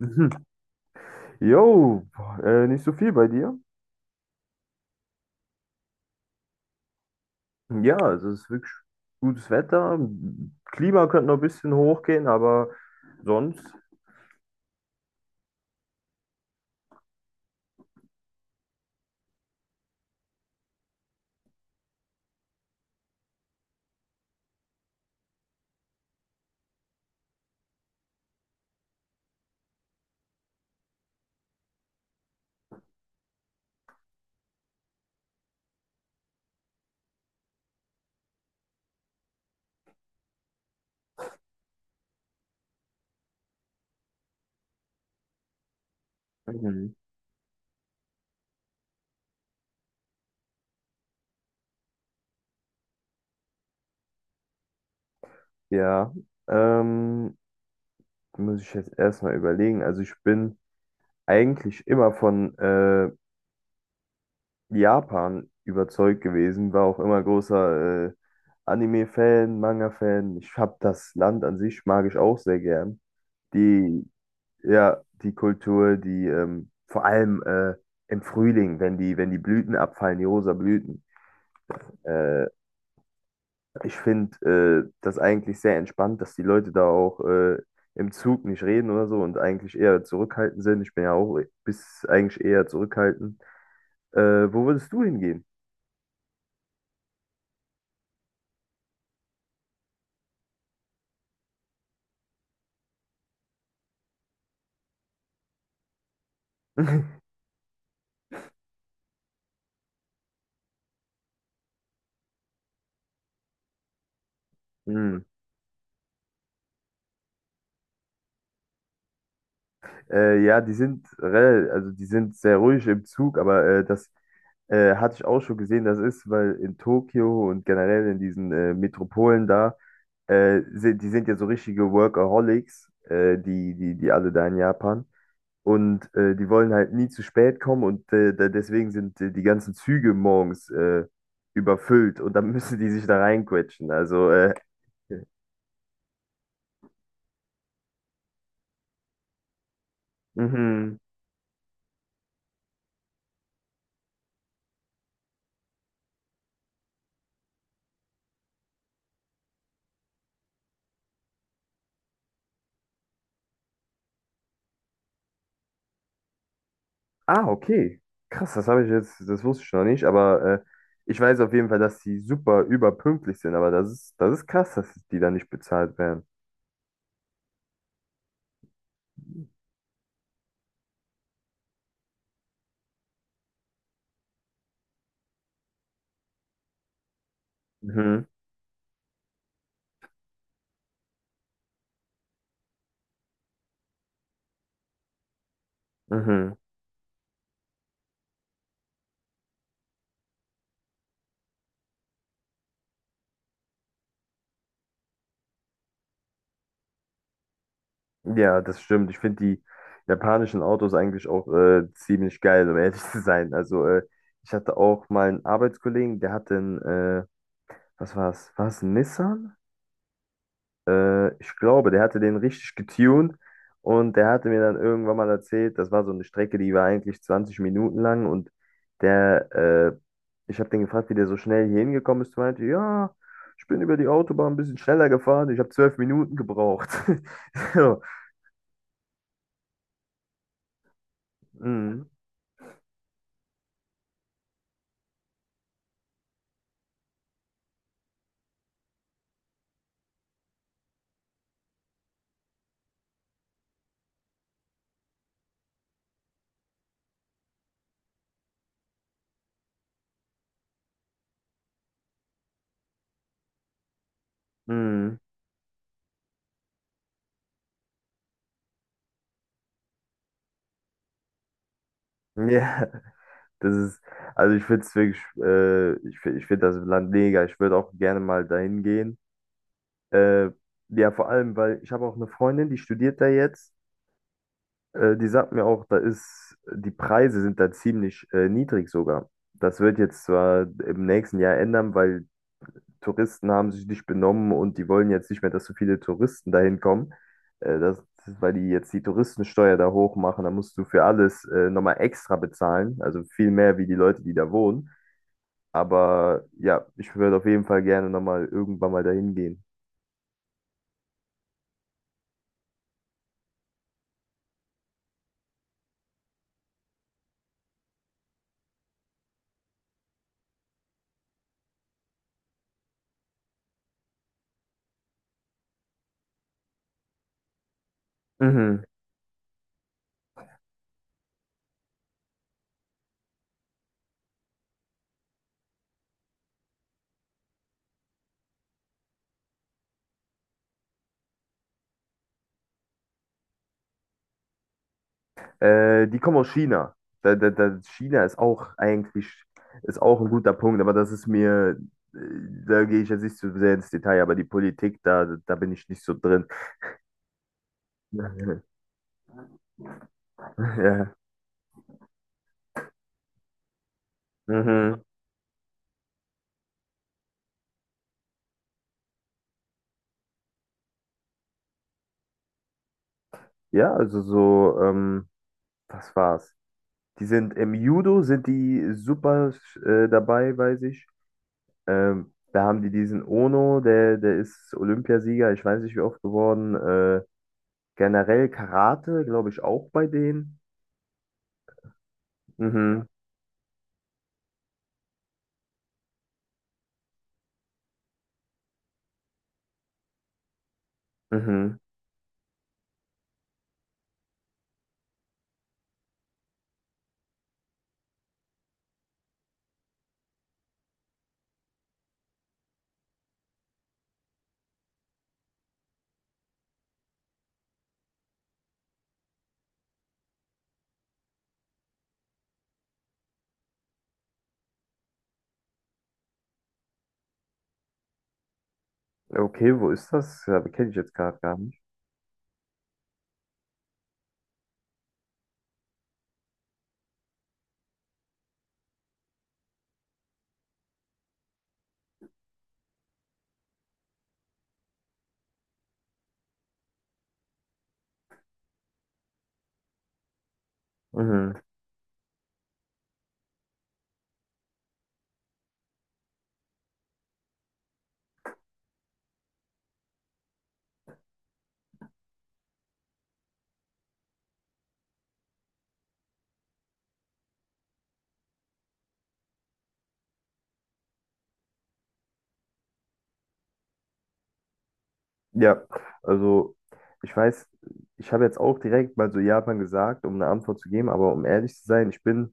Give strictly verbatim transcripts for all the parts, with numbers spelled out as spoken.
Mhm. Jo, äh, nicht so viel bei dir. Ja, also es ist wirklich gutes Wetter. Klima könnte noch ein bisschen hochgehen, aber sonst. Mhm. Ja, ähm, muss ich jetzt erstmal überlegen. Also ich bin eigentlich immer von äh, Japan überzeugt gewesen, war auch immer großer äh, Anime-Fan, Manga-Fan. Ich habe das Land an sich mag ich auch sehr gern. Die Ja, die Kultur, die ähm, vor allem äh, im Frühling, wenn die, wenn die Blüten abfallen, die rosa Blüten. Äh, Ich finde äh, das eigentlich sehr entspannt, dass die Leute da auch äh, im Zug nicht reden oder so und eigentlich eher zurückhaltend sind. Ich bin ja auch bis eigentlich eher zurückhaltend. Äh, wo würdest du hingehen? Hm. Äh, ja, die sind rel- also die sind sehr ruhig im Zug, aber äh, das äh, hatte ich auch schon gesehen, das ist, weil in Tokio und generell in diesen äh, Metropolen da. Äh, sind, die sind ja so richtige Workaholics, äh, die, die, die alle da in Japan. Und äh, die wollen halt nie zu spät kommen und äh, da, deswegen sind äh, die ganzen Züge morgens äh, überfüllt und dann müssen die sich da reinquetschen. Also, äh, mhm. Ah, okay. Krass, das habe ich jetzt, das wusste ich noch nicht, aber äh, ich weiß auf jeden Fall, dass die super überpünktlich sind, aber das ist, das ist krass, dass die da nicht bezahlt werden. Mhm. Mhm. Ja, das stimmt. Ich finde die japanischen Autos eigentlich auch äh, ziemlich geil, um ehrlich zu sein. Also, äh, ich hatte auch mal einen Arbeitskollegen, der hatte einen, äh, was war's? War's ein Nissan? Äh, ich glaube, der hatte den richtig getuned und der hatte mir dann irgendwann mal erzählt, das war so eine Strecke, die war eigentlich zwanzig Minuten lang und der, äh, ich habe den gefragt, wie der so schnell hier hingekommen ist. Der meinte, ja, ich bin über die Autobahn ein bisschen schneller gefahren, ich habe zwölf Minuten gebraucht. So. Mhm. Mhm. Ja, das ist, also ich finde es wirklich, äh, ich finde ich finde das Land mega. Ich würde auch gerne mal dahin gehen. Äh, ja, vor allem, weil ich habe auch eine Freundin, die studiert da jetzt. Äh, die sagt mir auch, da ist, die Preise sind da ziemlich äh, niedrig sogar. Das wird jetzt zwar im nächsten Jahr ändern, weil Touristen haben sich nicht benommen und die wollen jetzt nicht mehr, dass so viele Touristen dahin kommen. Äh, das, Weil die jetzt die Touristensteuer da hoch machen, da musst du für alles äh, nochmal extra bezahlen. Also viel mehr wie die Leute, die da wohnen. Aber ja, ich würde auf jeden Fall gerne nochmal irgendwann mal dahin gehen. Mhm. Äh, die kommen aus China. Da, da, da, China ist auch eigentlich ist auch ein guter Punkt, aber das ist mir, äh, da gehe ich jetzt nicht zu sehr ins Detail, aber die Politik, da, da bin ich nicht so drin. Ja. Mhm. Ja, also so, ähm, was war's? Die sind im Judo, sind die super äh, dabei, weiß ich. Ähm, da haben die diesen Ono, der, der ist Olympiasieger, ich weiß nicht wie oft geworden. Äh, generell Karate, glaube ich, auch bei denen. Mhm. Mhm. Okay, wo ist das? Ja, kenne ich jetzt gerade gar nicht. Mhm. Ja, also ich weiß, ich habe jetzt auch direkt mal so Japan gesagt, um eine Antwort zu geben, aber um ehrlich zu sein, ich bin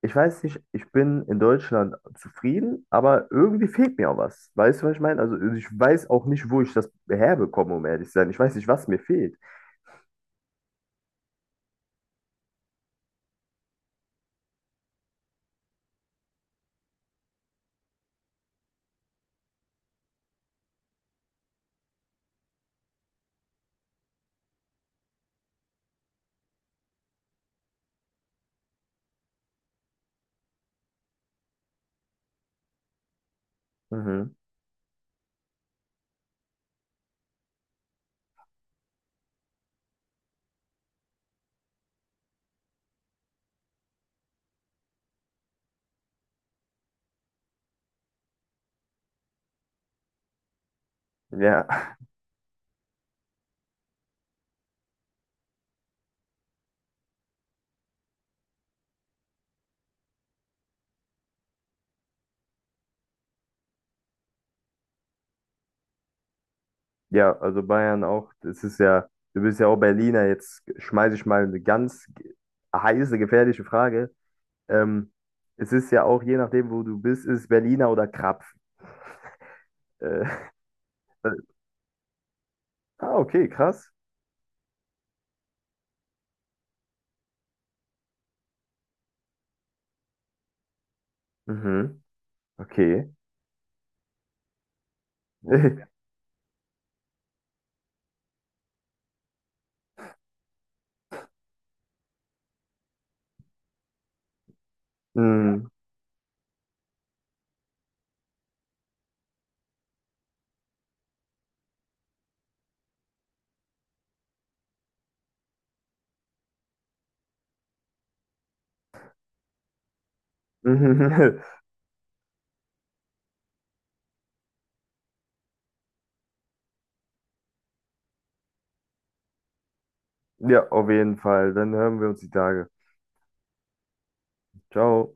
ich weiß nicht, ich bin in Deutschland zufrieden, aber irgendwie fehlt mir auch was. Weißt du, was ich meine? Also also ich weiß auch nicht, wo ich das herbekomme, um ehrlich zu sein. Ich weiß nicht, was mir fehlt. Mhm. Ja, ja, also Bayern auch. Das ist ja, du bist ja auch Berliner. Jetzt schmeiße ich mal eine ganz ge- heiße, gefährliche Frage. Ähm, Es ist ja auch, je nachdem, wo du bist, ist Berliner oder Krapfen. Äh, ah, okay, krass. Mhm. Okay. Mhm. Mhm. Ja, auf jeden Fall. Dann hören wir uns die Tage. Ciao.